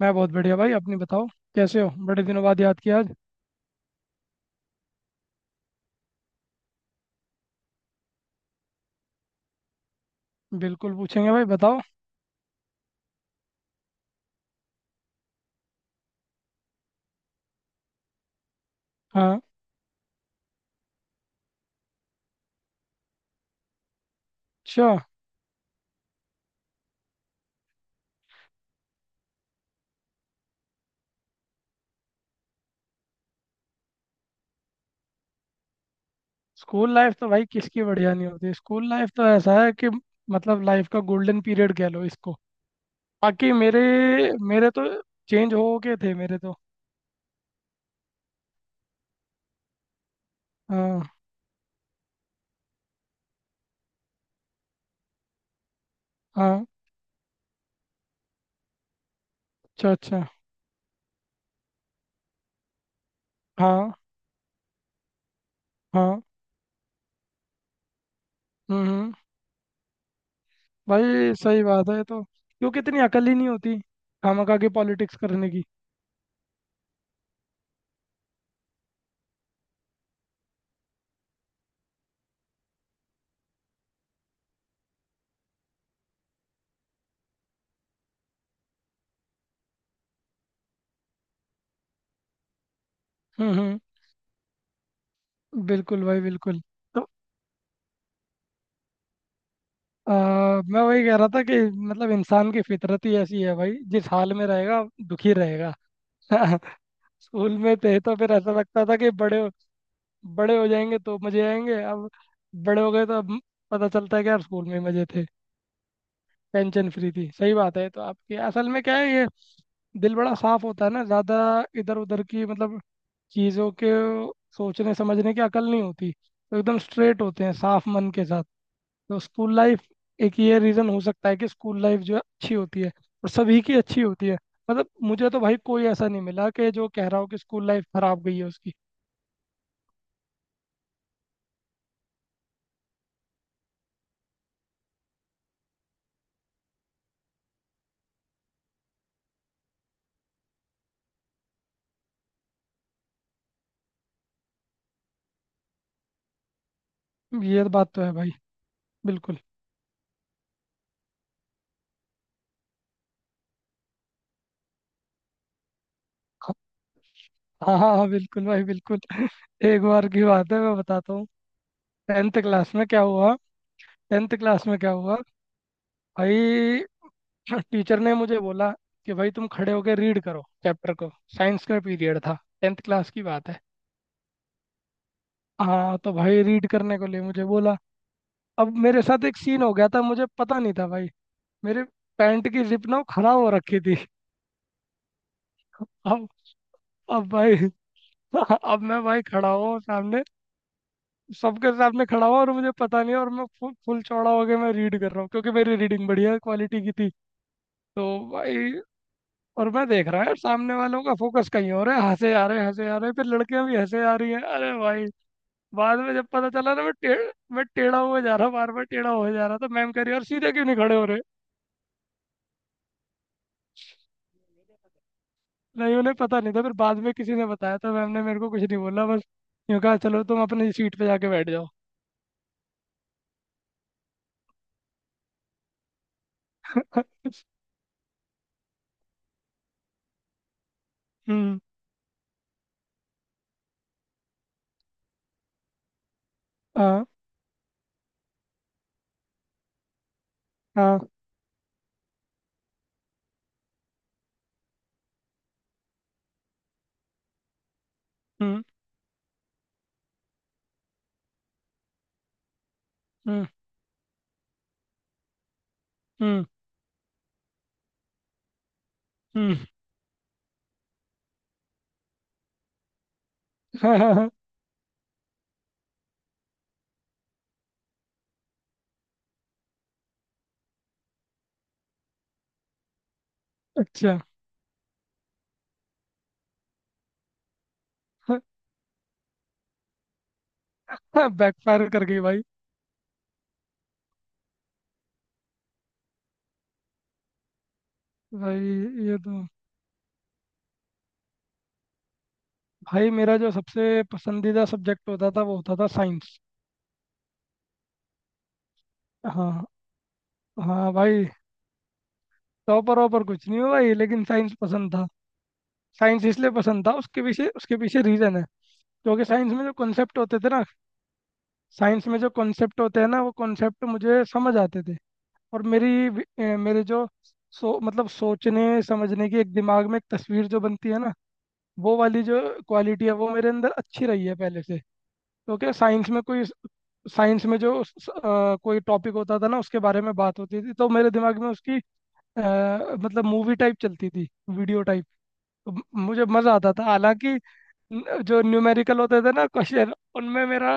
मैं बहुत बढ़िया भाई। अपनी बताओ, कैसे हो? बड़े दिनों बाद याद किया आज। बिल्कुल पूछेंगे भाई, बताओ। हाँ। अच्छा। स्कूल लाइफ तो भाई किसकी बढ़िया नहीं होती। स्कूल लाइफ तो ऐसा है कि मतलब लाइफ का गोल्डन पीरियड कह लो इसको। बाकी मेरे मेरे तो, चेंज हो के थे मेरे तो। हाँ। हाँ। अच्छा अच्छा। हाँ हाँ। हम्म हम्म, भाई सही बात है, तो क्योंकि इतनी अकल ही नहीं होती खामखा की पॉलिटिक्स करने की। हम्म। बिल्कुल भाई, बिल्कुल। तो अ, मैं वही कह रहा था कि मतलब इंसान की फितरत ही ऐसी है भाई, जिस हाल में रहेगा दुखी रहेगा। स्कूल में थे तो फिर ऐसा लगता था कि बड़े हो जाएंगे तो मजे आएंगे। अब बड़े हो गए तो अब पता चलता है कि यार स्कूल में मजे थे, टेंशन फ्री थी। सही बात है, तो आपकी असल में क्या है ये, दिल बड़ा साफ होता है ना ज़्यादा। इधर उधर की मतलब चीज़ों के सोचने समझने की अकल नहीं होती, तो एकदम स्ट्रेट होते हैं साफ मन के साथ। तो स्कूल लाइफ, एक ये रीज़न हो सकता है कि स्कूल लाइफ जो है अच्छी होती है, और सभी की अच्छी होती है। मतलब मुझे तो भाई कोई ऐसा नहीं मिला कि जो कह रहा हो कि स्कूल लाइफ खराब गई है उसकी। ये बात तो है भाई, बिल्कुल। हाँ हाँ हाँ बिल्कुल भाई बिल्कुल। एक बार की बात है, मैं बताता हूँ। टेंथ क्लास में क्या हुआ, टेंथ क्लास में क्या हुआ भाई, टीचर ने मुझे बोला कि भाई तुम खड़े होकर रीड करो चैप्टर को। साइंस का पीरियड था, टेंथ क्लास की बात है। हाँ, तो भाई रीड करने को लिए मुझे बोला। अब मेरे साथ एक सीन हो गया था, मुझे पता नहीं था भाई। मेरे पैंट की जिप ना खराब हो रखी थी। अब, अब भाई, अब मैं भाई खड़ा हूँ सामने, सबके सामने खड़ा हूँ, और मुझे पता नहीं है, और मैं फुल फुल चौड़ा होके मैं रीड कर रहा हूँ, क्योंकि मेरी रीडिंग बढ़िया क्वालिटी की थी। तो भाई, और मैं देख रहा है सामने वालों का फोकस कहीं और है, हंसे आ रहे हंसे आ रहे, फिर लड़कियां भी हंसे आ रही हैं, अरे भाई। बाद में जब पता चला ना, मैं टेढ़ा हुआ जा रहा, बार बार टेढ़ा हुआ जा रहा था। मैम कह रही है, और सीधे क्यों नहीं खड़े हो रहे? नहीं, उन्हें पता नहीं था, फिर बाद में किसी ने बताया था। मैम ने मेरे को कुछ नहीं बोला, बस यूँ कहा चलो तुम अपनी सीट पे जाके बैठ जाओ। हम्म। हाँ हाँ। हम्म हम्म। हम्म हम्म। अच्छा। बैकफायर कर गई भाई। भाई ये तो, भाई मेरा जो सबसे पसंदीदा सब्जेक्ट होता था वो होता था साइंस। हाँ हाँ भाई, टॉपर वॉपर कुछ नहीं हुआ भाई, लेकिन साइंस पसंद था। साइंस इसलिए पसंद था, उसके पीछे रीज़न है, क्योंकि साइंस में जो कॉन्सेप्ट होते थे ना, साइंस में जो कॉन्सेप्ट होते हैं ना, वो कॉन्सेप्ट मुझे समझ आते थे। और मेरे जो, सो मतलब सोचने समझने की एक दिमाग में एक तस्वीर जो बनती है ना, वो वाली जो क्वालिटी है वो मेरे अंदर अच्छी रही है पहले से। तो क्या साइंस में कोई, साइंस में जो कोई टॉपिक होता था ना, उसके बारे में बात होती थी, तो मेरे दिमाग में उसकी अ, मतलब मूवी टाइप चलती थी, वीडियो टाइप। तो मुझे मज़ा आता था। हालांकि जो न्यूमेरिकल होते थे ना क्वेश्चन, उनमें मेरा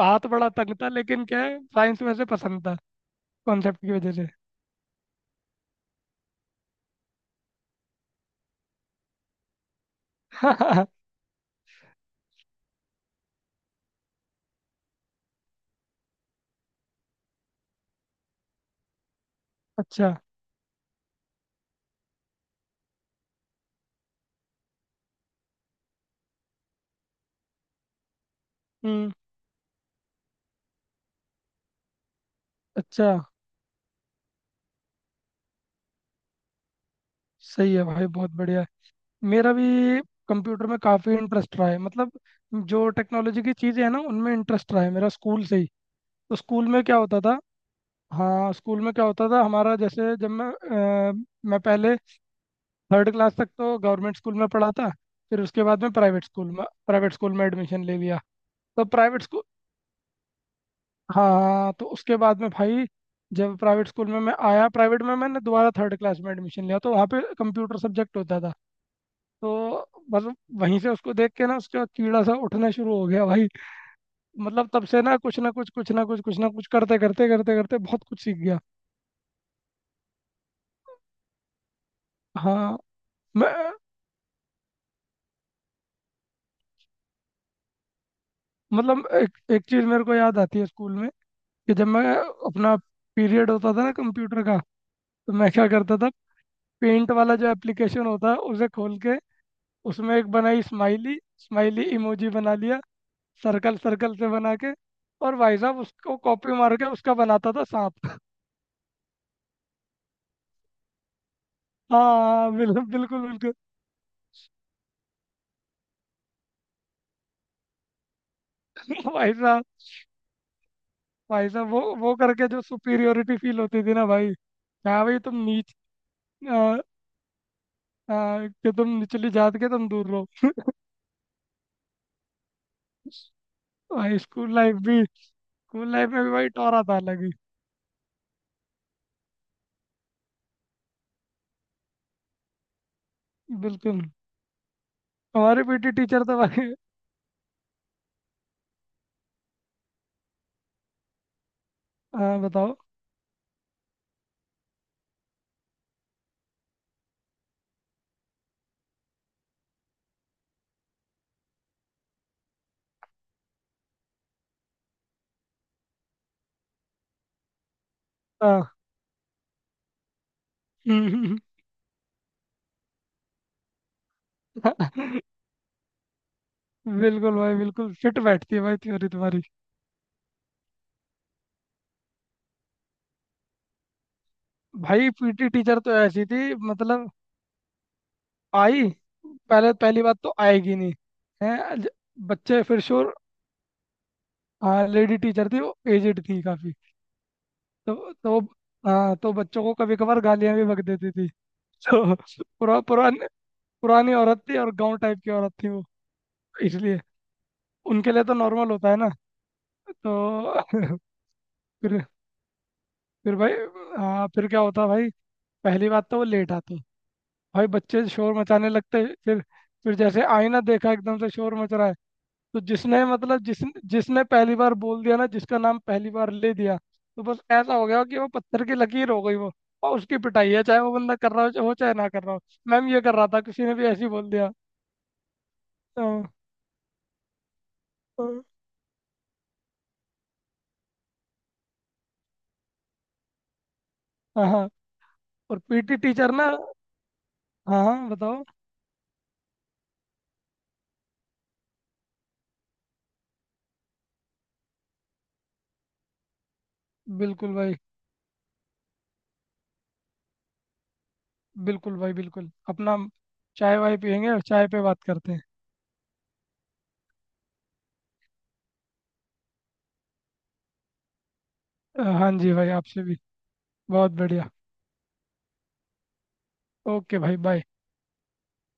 हाथ बड़ा तंग था। लेकिन क्या है, साइंस में से पसंद था कॉन्सेप्ट की वजह से। अच्छा। हम्म। अच्छा। सही है भाई, बहुत बढ़िया है। मेरा भी कंप्यूटर में काफ़ी इंटरेस्ट रहा है। मतलब जो टेक्नोलॉजी की चीज़ें हैं ना उनमें इंटरेस्ट रहा है मेरा स्कूल से ही। तो स्कूल में क्या होता था, हाँ स्कूल में क्या होता था हमारा, जैसे जब मैं, अ, मैं पहले थर्ड क्लास तक तो गवर्नमेंट स्कूल में पढ़ा था। फिर उसके बाद में प्राइवेट स्कूल में, प्राइवेट स्कूल में एडमिशन ले लिया। तब प्राइवेट स्कूल, हाँ हाँ, तो उसके बाद में भाई, जब प्राइवेट स्कूल में मैं आया, प्राइवेट में मैंने दोबारा थर्ड क्लास में एडमिशन लिया, तो वहाँ पे कंप्यूटर सब्जेक्ट होता था। तो मतलब वहीं से उसको देख के ना, उसका कीड़ा सा उठना शुरू हो गया भाई। मतलब तब से ना, कुछ ना कुछ कुछ ना कुछ कुछ ना कुछ करते करते करते करते बहुत कुछ सीख गया। हाँ। मैं मतलब एक एक चीज़ मेरे को याद आती है स्कूल में। कि जब मैं अपना, पीरियड होता था ना कंप्यूटर का, तो मैं क्या करता था, पेंट वाला जो एप्लीकेशन होता है उसे खोल के, उसमें एक बनाई, स्माइली स्माइली इमोजी बना लिया, सर्कल सर्कल से बना के, और भाई साहब उसको कॉपी मार के उसका बनाता था सांप। हाँ, बिल्कुल बिल्कुल बिल्कुल। भाई साहब, भाई साहब वो करके जो सुपीरियोरिटी फील होती थी ना भाई, क्या भाई तुम नीच, आ, आ, कि तुम निचली जात के, तुम दूर रहो। भाई स्कूल लाइफ भी, स्कूल लाइफ में भी भाई टोरा था अलग ही। बिल्कुल। हमारे पीटी टीचर तो भाई, हाँ बताओ। हाँ। बिल्कुल भाई बिल्कुल, फिट बैठती है भाई थ्योरी तुम्हारी। भाई पीटी टीचर तो ऐसी थी मतलब, आई, पहले पहली बात तो आएगी नहीं। है बच्चे फिर श्योर। हाँ लेडी टीचर थी, वो एजेड थी काफी। तो, हाँ तो बच्चों को कभी कभार गालियां भी बक देती थी। तो पुरानी, पुरानी औरत थी और गांव टाइप की औरत थी वो, इसलिए उनके लिए तो नॉर्मल होता है ना। तो फिर फिर भाई, हाँ फिर क्या होता भाई, पहली बात तो वो लेट आती। भाई बच्चे शोर मचाने लगते हैं, फिर जैसे आईना देखा एकदम से शोर मच रहा है, तो जिसने मतलब जिस जिसने पहली बार बोल दिया ना, जिसका नाम पहली बार ले दिया, तो बस ऐसा हो गया कि वो पत्थर की लकीर हो गई वो। और उसकी पिटाई है, चाहे वो बंदा कर रहा हो चाहे ना कर रहा हो, मैम ये कर रहा था, किसी ने भी ऐसे ही बोल दिया। हाँ हाँ हाँ। और पीटी टीचर ना, हाँ हाँ बताओ। बिल्कुल भाई, बिल्कुल भाई बिल्कुल अपना, चाय वाय पियेंगे और चाय पे बात करते हैं। हाँ जी भाई, आपसे भी, बहुत बढ़िया। ओके भाई, बाय।